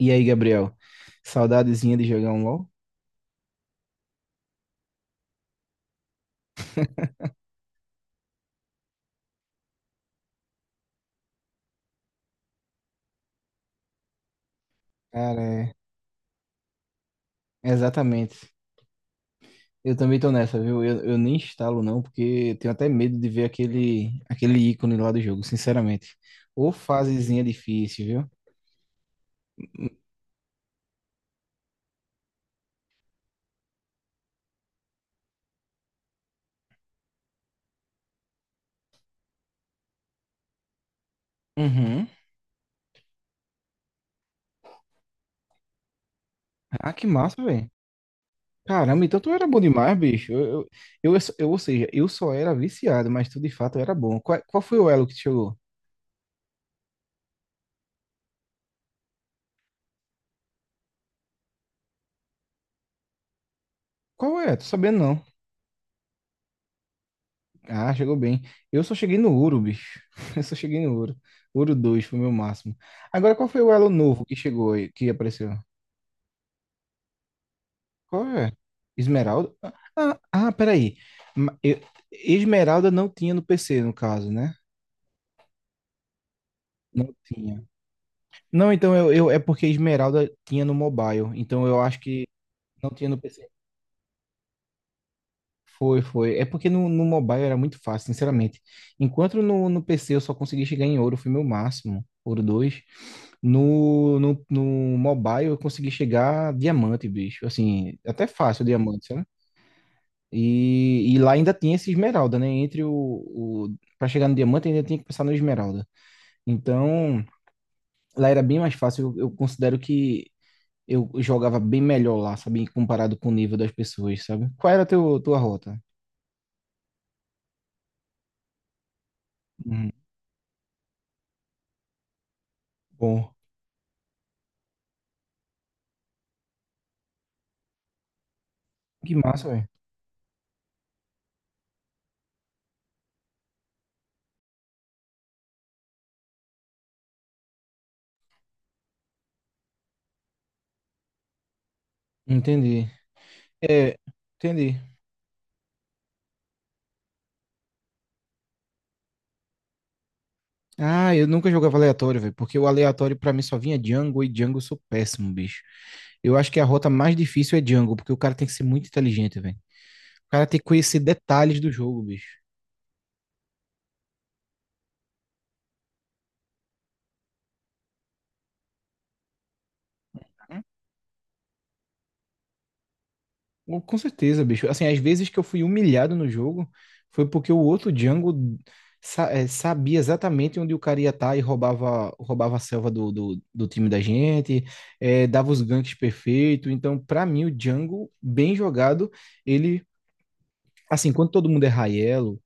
E aí, Gabriel? Saudadezinha de jogar um LoL? Cara, é. Exatamente. Eu também tô nessa, viu? Eu nem instalo, não, porque eu tenho até medo de ver aquele ícone lá do jogo, sinceramente. Ou fasezinha difícil, viu? Uhum. Ah, que massa, velho. Caramba, então tu era bom demais, bicho. Ou seja, eu só era viciado, mas tu de fato era bom. Qual foi o elo que te chegou? Qual é? Tô sabendo, não. Ah, chegou bem. Eu só cheguei no ouro, bicho. Eu só cheguei no ouro. Ouro 2 foi o meu máximo. Agora, qual foi o elo novo que chegou aí, que apareceu? Qual é? Esmeralda? Peraí. Ma- eu- Esmeralda não tinha no PC, no caso, né? Não tinha. Não, então é porque Esmeralda tinha no mobile. Então eu acho que não tinha no PC. Foi, foi. É porque no, no mobile era muito fácil, sinceramente. Enquanto no, no PC eu só consegui chegar em ouro, foi meu máximo. Ouro 2. No mobile eu consegui chegar diamante, bicho. Assim, até fácil diamante, né? E lá ainda tinha esse esmeralda, né? Entre o para chegar no diamante ainda tinha que passar no esmeralda. Então, lá era bem mais fácil. Eu considero que eu jogava bem melhor lá, sabe? Comparado com o nível das pessoas, sabe? Qual era a teu, tua rota? Uhum. Bom, que massa, velho. Entendi. É, entendi. Ah, eu nunca jogava aleatório, velho, porque o aleatório pra mim só vinha Django e Django eu sou péssimo, bicho. Eu acho que a rota mais difícil é Django, porque o cara tem que ser muito inteligente, velho. O cara tem que conhecer detalhes do jogo, bicho. Hum? Com certeza, bicho. Assim, às vezes que eu fui humilhado no jogo foi porque o outro Django sabia exatamente onde o cara ia estar e roubava, roubava a selva do time da gente, dava os ganks perfeitos. Então, pra mim, o Django, bem jogado, ele assim, quando todo mundo é Raiello,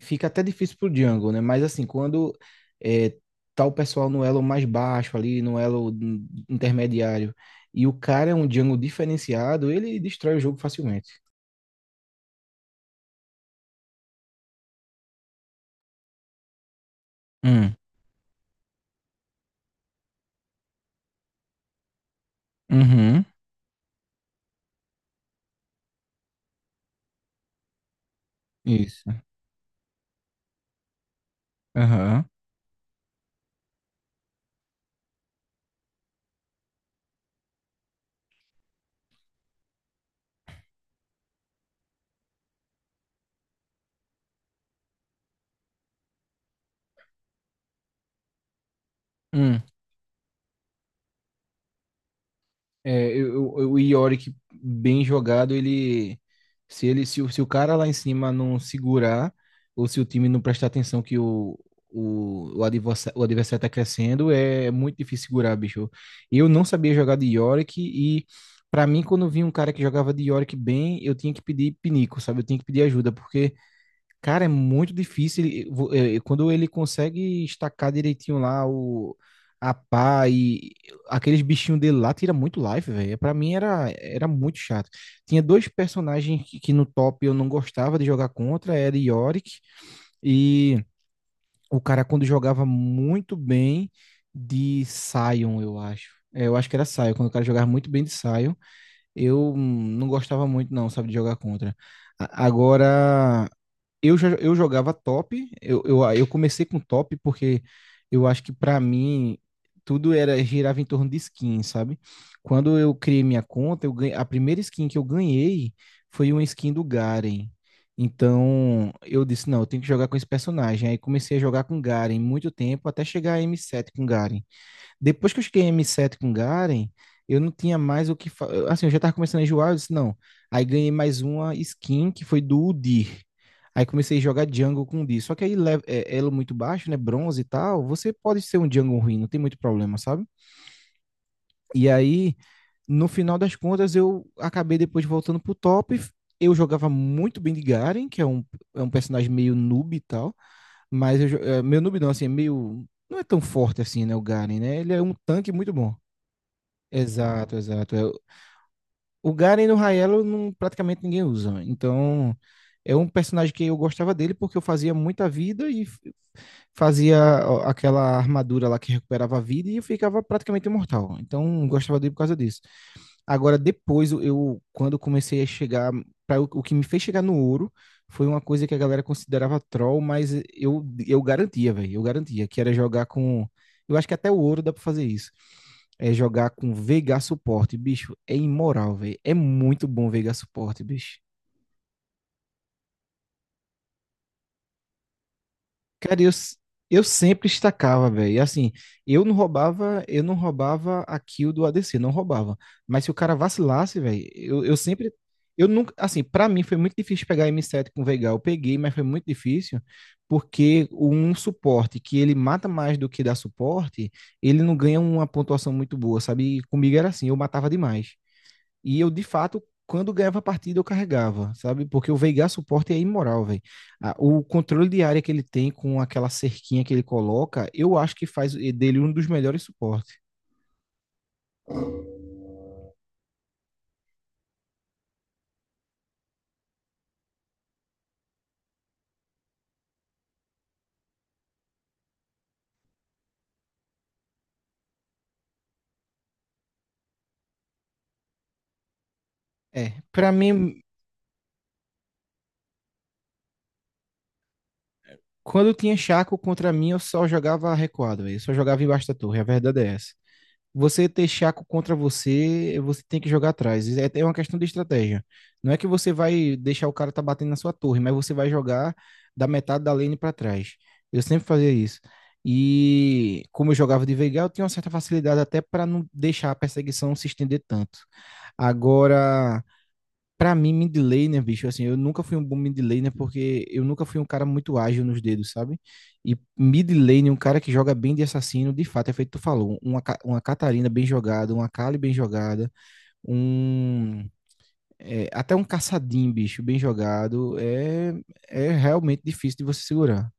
fica até difícil pro jungle, né? Mas assim, quando é, tá o pessoal no elo mais baixo ali, no elo intermediário, e o cara é um jungle diferenciado, ele destrói o jogo facilmente. Hum. Uhum. Isso. Aham. É, o Yorick bem jogado, ele se o cara lá em cima não segurar ou se o time não prestar atenção que o adversário, o adversário tá crescendo, é muito difícil segurar, bicho. Eu não sabia jogar de Yorick e pra mim quando eu vi um cara que jogava de Yorick bem, eu tinha que pedir pinico, sabe? Eu tinha que pedir ajuda porque cara, é muito difícil. Quando ele consegue estacar direitinho lá o, a pá e aqueles bichinhos dele lá, tira muito life, velho. Pra mim era, era muito chato. Tinha dois personagens que no top eu não gostava de jogar contra, era Yorick e o cara quando jogava muito bem de Sion, eu acho. É, eu acho que era Sion, quando o cara jogava muito bem de Sion, eu não gostava muito não, sabe, de jogar contra. Agora eu, já, eu jogava top, eu comecei com top porque eu acho que para mim tudo era girava em torno de skin, sabe? Quando eu criei minha conta, eu ganhei, a primeira skin que eu ganhei foi uma skin do Garen. Então eu disse, não, eu tenho que jogar com esse personagem. Aí comecei a jogar com Garen muito tempo até chegar a M7 com Garen. Depois que eu cheguei em M7 com Garen, eu não tinha mais o que. Assim, eu já tava começando a enjoar, eu disse, não. Aí ganhei mais uma skin que foi do Udyr. Aí comecei a jogar jungle com Udyr. Só que aí elo muito baixo, né? Bronze e tal. Você pode ser um jungle ruim, não tem muito problema, sabe? E aí, no final das contas, eu acabei depois voltando pro top. Eu jogava muito bem de Garen, que é é um personagem meio noob e tal. Mas eu, meu noob não, assim, é meio. Não é tão forte assim, né? O Garen, né? Ele é um tanque muito bom. Exato, exato. É, o Garen no Raelo não, praticamente ninguém usa, né? Então, é um personagem que eu gostava dele porque eu fazia muita vida e fazia ó, aquela armadura lá que recuperava a vida e eu ficava praticamente imortal. Então, eu gostava dele por causa disso. Agora, depois, eu, quando comecei a chegar, pra, o que me fez chegar no ouro foi uma coisa que a galera considerava troll, mas eu garantia, velho, eu garantia, que era jogar com. Eu acho que até o ouro dá pra fazer isso. É jogar com Veigar suporte, bicho, é imoral, velho. É muito bom Veigar suporte, bicho. Cara, eu, s- eu sempre estacava, velho. Assim, eu não roubava a kill do ADC, não roubava. Mas se o cara vacilasse, velho, eu sempre. Eu nunca. Assim, pra mim foi muito difícil pegar M7 com Veigar. Eu peguei, mas foi muito difícil, porque um suporte que ele mata mais do que dá suporte, ele não ganha uma pontuação muito boa, sabe? E comigo era assim, eu matava demais. E eu, de fato, quando ganhava a partida, eu carregava, sabe? Porque o Veigar suporte é imoral, velho. Ah, o controle de área que ele tem com aquela cerquinha que ele coloca, eu acho que faz dele um dos melhores suportes. É, para mim, quando eu tinha Chaco contra mim, eu só jogava recuado, véio. Eu só jogava embaixo da torre, a verdade é essa. Você ter Chaco contra você, você tem que jogar atrás. É uma questão de estratégia. Não é que você vai deixar o cara tá batendo na sua torre, mas você vai jogar da metade da lane para trás. Eu sempre fazia isso. E como eu jogava de Veigar, eu tinha uma certa facilidade até para não deixar a perseguição se estender tanto. Agora, pra mim, mid laner, bicho, assim, eu nunca fui um bom mid laner porque eu nunca fui um cara muito ágil nos dedos, sabe? E mid laner, um cara que joga bem de assassino, de fato, é feito tu falou, uma Catarina bem jogada, uma Kali bem jogada, um... é, até um caçadinho, bicho, bem jogado, é realmente difícil de você segurar.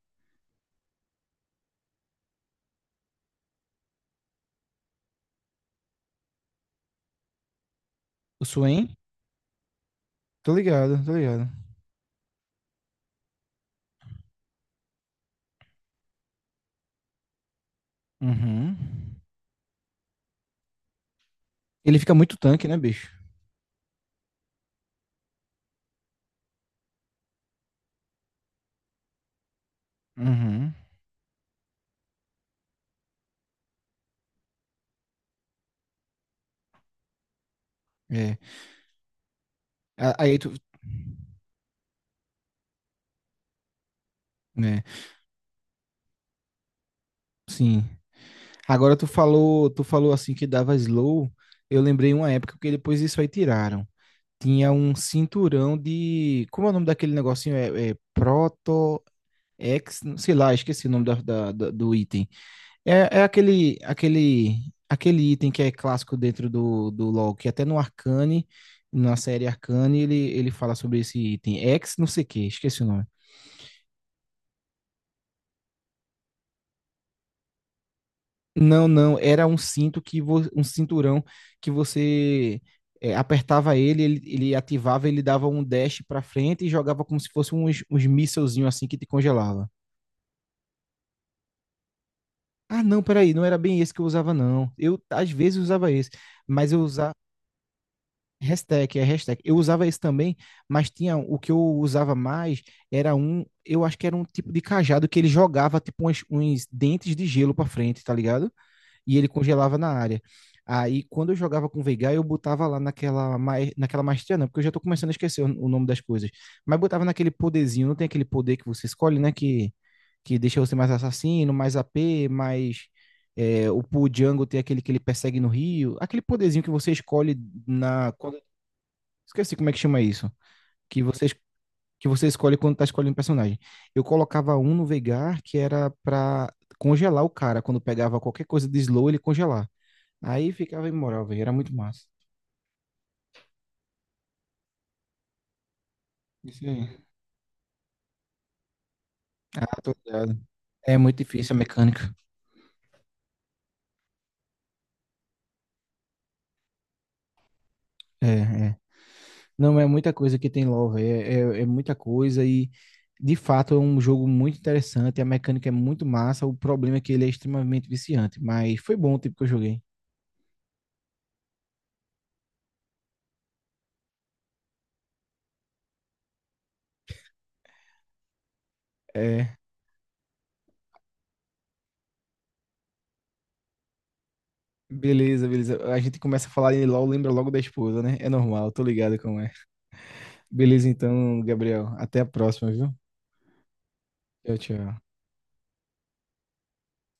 O Swain? Tô ligado, tô ligado. Uhum. Ele fica muito tanque, né, bicho? Uhum. É. Aí tu... né? Sim. Agora tu falou assim que dava slow. Eu lembrei uma época que depois isso aí tiraram. Tinha um cinturão de. Como é o nome daquele negocinho? É Proto X, sei lá, esqueci o nome do item. É, aquele item que é clássico dentro do LoL, que até no Arcane, na série Arcane, ele fala sobre esse item. X, não sei o que, esqueci o nome. Não, não, era um cinto que um cinturão que você apertava ele, ele ativava, ele dava um dash pra frente e jogava como se fosse uns mísselzinho assim que te congelava. Ah, não, peraí, não era bem esse que eu usava, não. Eu às vezes usava esse, mas eu usava hashtag, hashtag. Eu usava esse também, mas tinha o que eu usava mais era um, eu acho que era um tipo de cajado que ele jogava tipo uns dentes de gelo pra frente, tá ligado? E ele congelava na área. Aí, quando eu jogava com o Veigar, eu botava lá naquela maestria, não, porque eu já tô começando a esquecer o nome das coisas. Mas botava naquele poderzinho, não tem aquele poder que você escolhe, né? Que deixa você mais assassino, mais AP, mais. É, o Pu Django tem aquele que ele persegue no Rio. Aquele poderzinho que você escolhe na. quando- esqueci como é que chama isso. Que você, es- que você escolhe quando tá escolhendo personagem. Eu colocava um no Veigar que era pra congelar o cara. Quando pegava qualquer coisa de slow, ele congelar. Aí ficava imoral, velho. Era muito massa. Isso aí. Ah, tô ligado. É muito difícil a mecânica. É, é. Não, é muita coisa que tem LoL, velho. É muita coisa e, de fato, é um jogo muito interessante. A mecânica é muito massa. O problema é que ele é extremamente viciante. Mas foi bom o tempo que eu joguei. É. Beleza, beleza. A gente começa a falar em LoL, lembra logo da esposa, né? É normal, tô ligado como é. Beleza, então, Gabriel. Até a próxima, viu? Tchau, tchau.